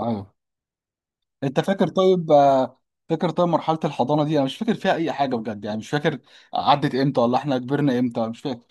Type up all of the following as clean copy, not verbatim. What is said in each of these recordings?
ايوه. انت فاكر طيب آه، فاكر طيب، مرحله الحضانه دي انا مش فاكر فيها اي حاجه بجد، يعني مش فاكر عدت امتى ولا احنا كبرنا امتى، مش فاكر.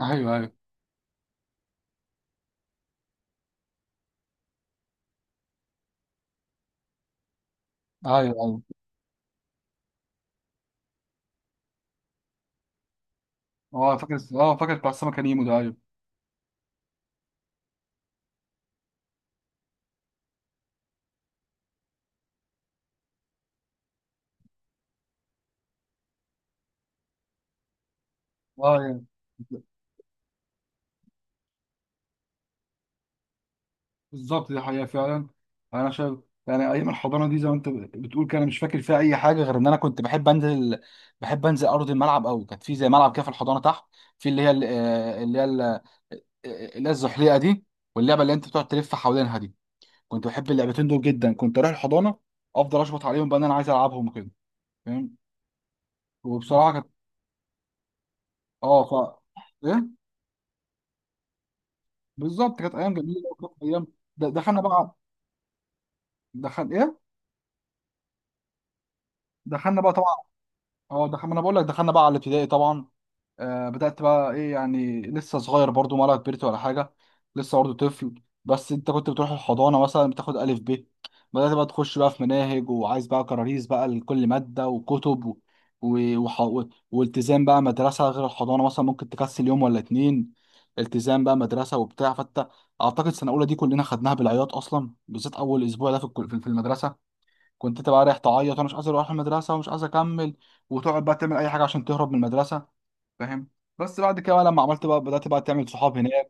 ايوه ايوه. ايوه ايوه. اه فاكر، اه فاكر بتاع السمكه نيمو ده، ايوه. اه، يعني بالظبط، دي حقيقه فعلا. انا شايف يعني ايام الحضانه دي، زي ما انت بتقول كده، انا مش فاكر فيها اي حاجه غير ان انا كنت بحب انزل، ارض الملعب قوي. كانت في زي ملعب كده في الحضانه تحت، في اللي هي ال- آه، آه، اللي هي الزحليقه دي، واللعبه اللي انت بتقعد تلف حوالينها دي. كنت بحب اللعبتين دول جدا، كنت اروح الحضانه افضل اشبط عليهم بقى ان انا عايز العبهم وكده، فاهم. وبصراحه كانت، اه ف ايه بالظبط كانت ايام جميله وكانت ايام. د- دخلنا بقى دخل ايه دخلنا بقى طبعا. اه دخلنا، انا بقول لك، دخلنا بقى على الابتدائي طبعا. بدأت بقى ايه؟ يعني لسه صغير برضو ولا كبرت ولا حاجة؟ لسه برضو طفل. بس انت كنت بتروح الحضانة مثلا بتاخد ألف ب، بدأت بقى تخش بقى في مناهج وعايز بقى كراريس بقى لكل مادة وكتب والتزام بقى مدرسة، غير الحضانة مثلا ممكن تكسل يوم ولا اتنين. التزام بقى مدرسة وبتاع، فانت أعتقد سنة أولى دي كلنا خدناها بالعياط أصلا، بالذات أول أسبوع ده في الكل- في في المدرسة، كنت أنت بقى رايح تعيط وأنا مش عايز أروح المدرسة ومش عايز أكمل، وتقعد بقى تعمل أي حاجة عشان تهرب من المدرسة، فاهم. بس بعد كده بقى، لما عملت بقى بدأت بقى تعمل صحاب هناك.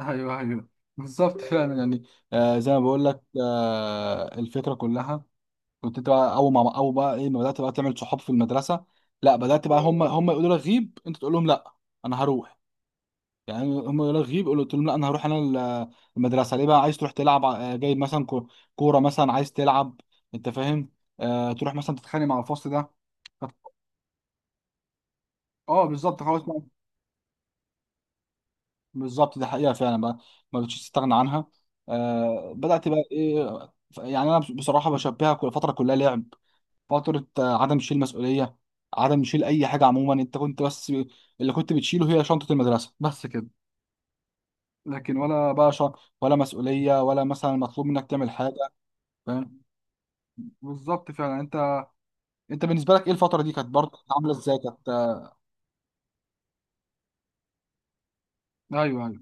ايوه ايوه. بالظبط فعلا يعني، زي ما بقول لك، الفكرة كلها. كنت انت بقى اول ما، اول بقى ايه، ما بدأت بقى تعمل صحاب في المدرسة، لا بدأت بقى هم يقولوا لك غيب، انت تقول لهم لا، انا هروح. يعني هم يقولوا لك غيب، قلت لهم لا انا هروح انا المدرسة، ليه بقى عايز تروح تلعب؟ جايب مثلا كورة مثلا عايز تلعب، انت فاهم. آه تروح مثلا تتخانق مع الفصل ده. طب- اه بالظبط، خلاص. بالظبط دي حقيقة فعلا بقى، ما بقتش تستغنى عنها. بدأت بقى ايه؟ يعني انا بصراحة بشبهها كل فترة كلها لعب، فترة عدم شيل مسؤولية، عدم شيل اي حاجة عموما. انت كنت بس، اللي كنت بتشيله هي شنطة المدرسة بس كده، لكن ولا بقى ولا مسؤولية ولا مثلا مطلوب منك تعمل حاجة، فاهم. بالظبط فعلا، انت، انت بالنسبة لك ايه؟ الفترة دي كانت برضه عاملة ازاي؟ كانت ايوه. ايوه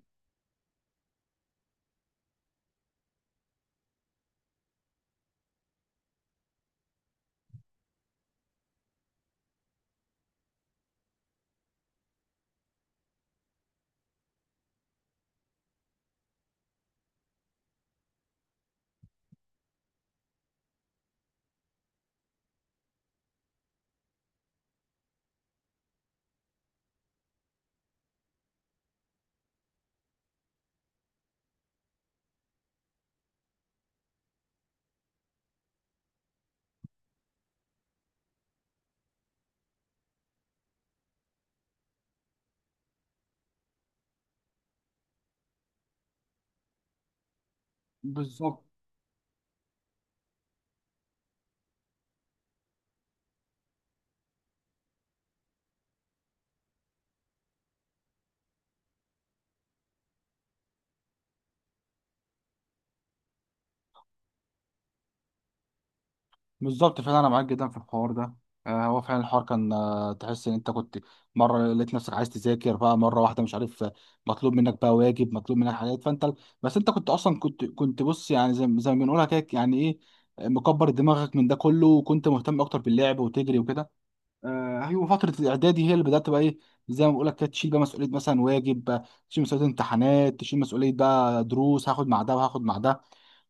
بالظبط. بالظبط فعلا انا معاك جدا في الحوار ده. هو فعلا الحوار كان، تحس ان انت كنت مره لقيت نفسك عايز تذاكر بقى مره واحده، مش عارف مطلوب منك بقى واجب، مطلوب منك حاجات، فانت بس انت كنت اصلا كنت بص، يعني زي ما بنقولها كده، يعني ايه، مكبر دماغك من ده كله وكنت مهتم اكتر باللعب وتجري وكده. ايوه، فتره الاعدادي هي اللي بدات بقى ايه، زي ما بقول لك كده تشيل بقى مسؤوليه مثلا، واجب، تشيل مسؤوليه امتحانات، تشيل مسؤوليه بقى دروس هاخد مع ده وهاخد مع ده.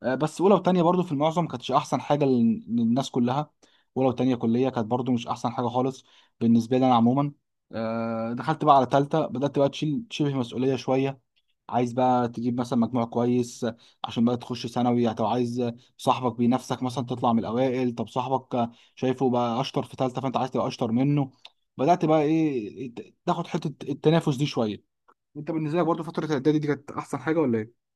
بس اولى وتانية برضو في المعظم كانتش احسن حاجه للناس كلها. اولى وتانية كليه كانت برضو مش احسن حاجه خالص بالنسبه لي انا عموما. دخلت بقى على تالتة، بدات بقى تشيل شبه مسؤوليه شويه، عايز بقى تجيب مثلا مجموع كويس عشان بقى تخش ثانوي. طب عايز صاحبك بينافسك مثلا، تطلع من الاوائل، طب صاحبك شايفه بقى اشطر في تالتة فانت عايز تبقى اشطر منه. بدات بقى ايه، تاخد حته التنافس دي شويه. انت بالنسبه لك برضو فتره الاعدادي دي كانت احسن حاجه ولا ايه؟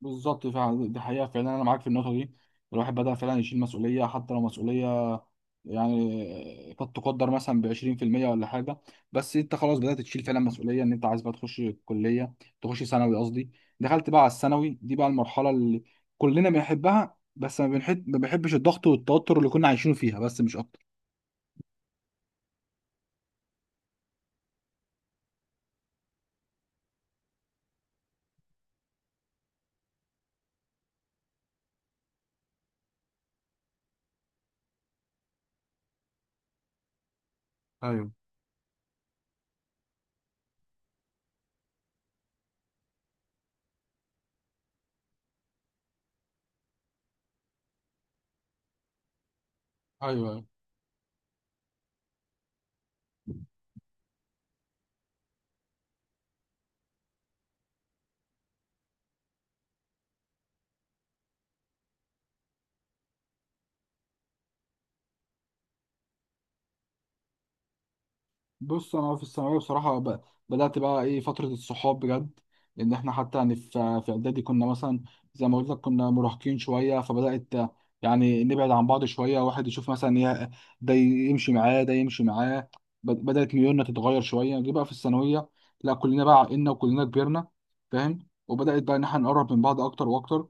بالظبط فعلا، دي حقيقة فعلا، أنا معاك في النقطة دي. الواحد بدأ فعلا يشيل مسؤولية، حتى لو مسؤولية يعني قد تقدر مثلا ب 20% ولا حاجة، بس أنت خلاص بدأت تشيل فعلا مسؤولية إن أنت عايز بقى تخش الكلية، تخش ثانوي قصدي. دخلت بقى على الثانوي، دي بقى المرحلة اللي كلنا بنحبها، بس ما بنحبش الضغط والتوتر اللي كنا عايشينه فيها، بس مش أكتر. ايوه ايوه. بص انا في الثانويه بصراحه بدات بقى ايه فتره الصحاب بجد، لان احنا حتى يعني في اعدادي كنا مثلا، زي ما قلت لك، كنا مراهقين شويه، فبدات يعني نبعد عن بعض شويه، واحد يشوف مثلا ده يمشي معاه ده يمشي معاه، بدات ميولنا تتغير شويه. جه بقى في الثانويه، لا كلنا بقى عقلنا وكلنا كبرنا، فاهم، وبدات بقى ان احنا نقرب من بعض اكتر واكتر.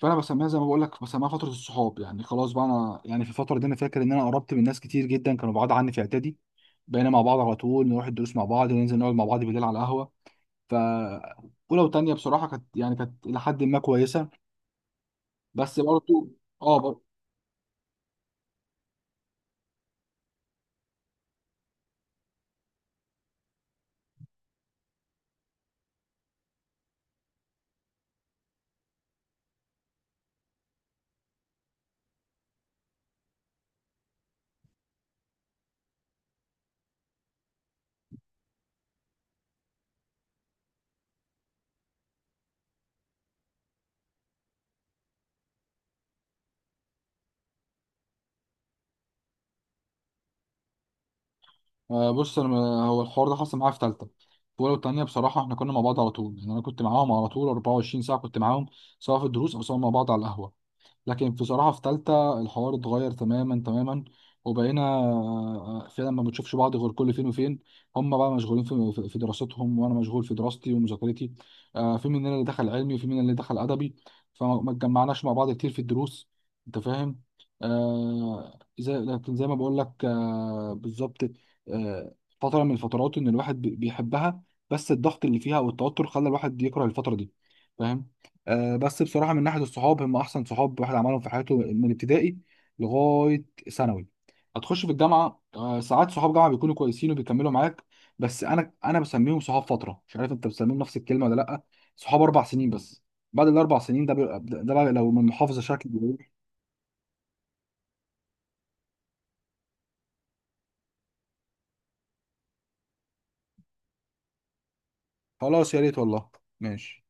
فانا بسميها، زي ما بقول لك، بسميها فتره الصحاب. يعني خلاص بقى انا، يعني في الفتره دي انا فاكر ان انا قربت من ناس كتير جدا كانوا بعاد عني في اعدادي. بقينا مع بعض على طول، نروح الدروس مع بعض، وننزل نقعد مع بعض بالليل على القهوه. ف اولى وتانيه بصراحه كانت، يعني كانت الى حد ما كويسه، بس برضه. اه بر- بص انا، هو الحوار ده حصل معايا في ثالثه. في اولى وتانيه بصراحه احنا كنا مع بعض على طول، يعني انا كنت معاهم على طول 24 ساعه، كنت معاهم سواء في الدروس او سواء مع بعض على القهوه. لكن بصراحة في تالتة الحوار اتغير تماما تماما، وبقينا فعلا ما بنشوفش بعض غير كل فين وفين. هم بقى مشغولين في دراستهم، وانا مشغول في دراستي ومذاكرتي، في مننا اللي دخل علمي وفي مننا اللي دخل ادبي، فما اتجمعناش مع بعض كتير في الدروس، انت فاهم. زي ما بقول لك، آه، بالظبط آه، فترة من الفترات ان الواحد بيحبها، بس الضغط اللي فيها والتوتر خلى الواحد يكره الفترة دي، فاهم. بس بصراحه من ناحيه الصحاب، هم احسن صحاب الواحد عملهم في حياته من ابتدائي لغايه ثانوي. هتخش في الجامعه، ساعات صحاب جامعه بيكونوا كويسين وبيكملوا معاك، بس انا بسميهم صحاب فتره، مش عارف انت بتسميهم نفس الكلمه ولا لا. صحاب 4 سنين بس، بعد الـ 4 سنين ده ده بقى لو من محافظه شكل بيروح. خلاص يا ريت والله، ماشي.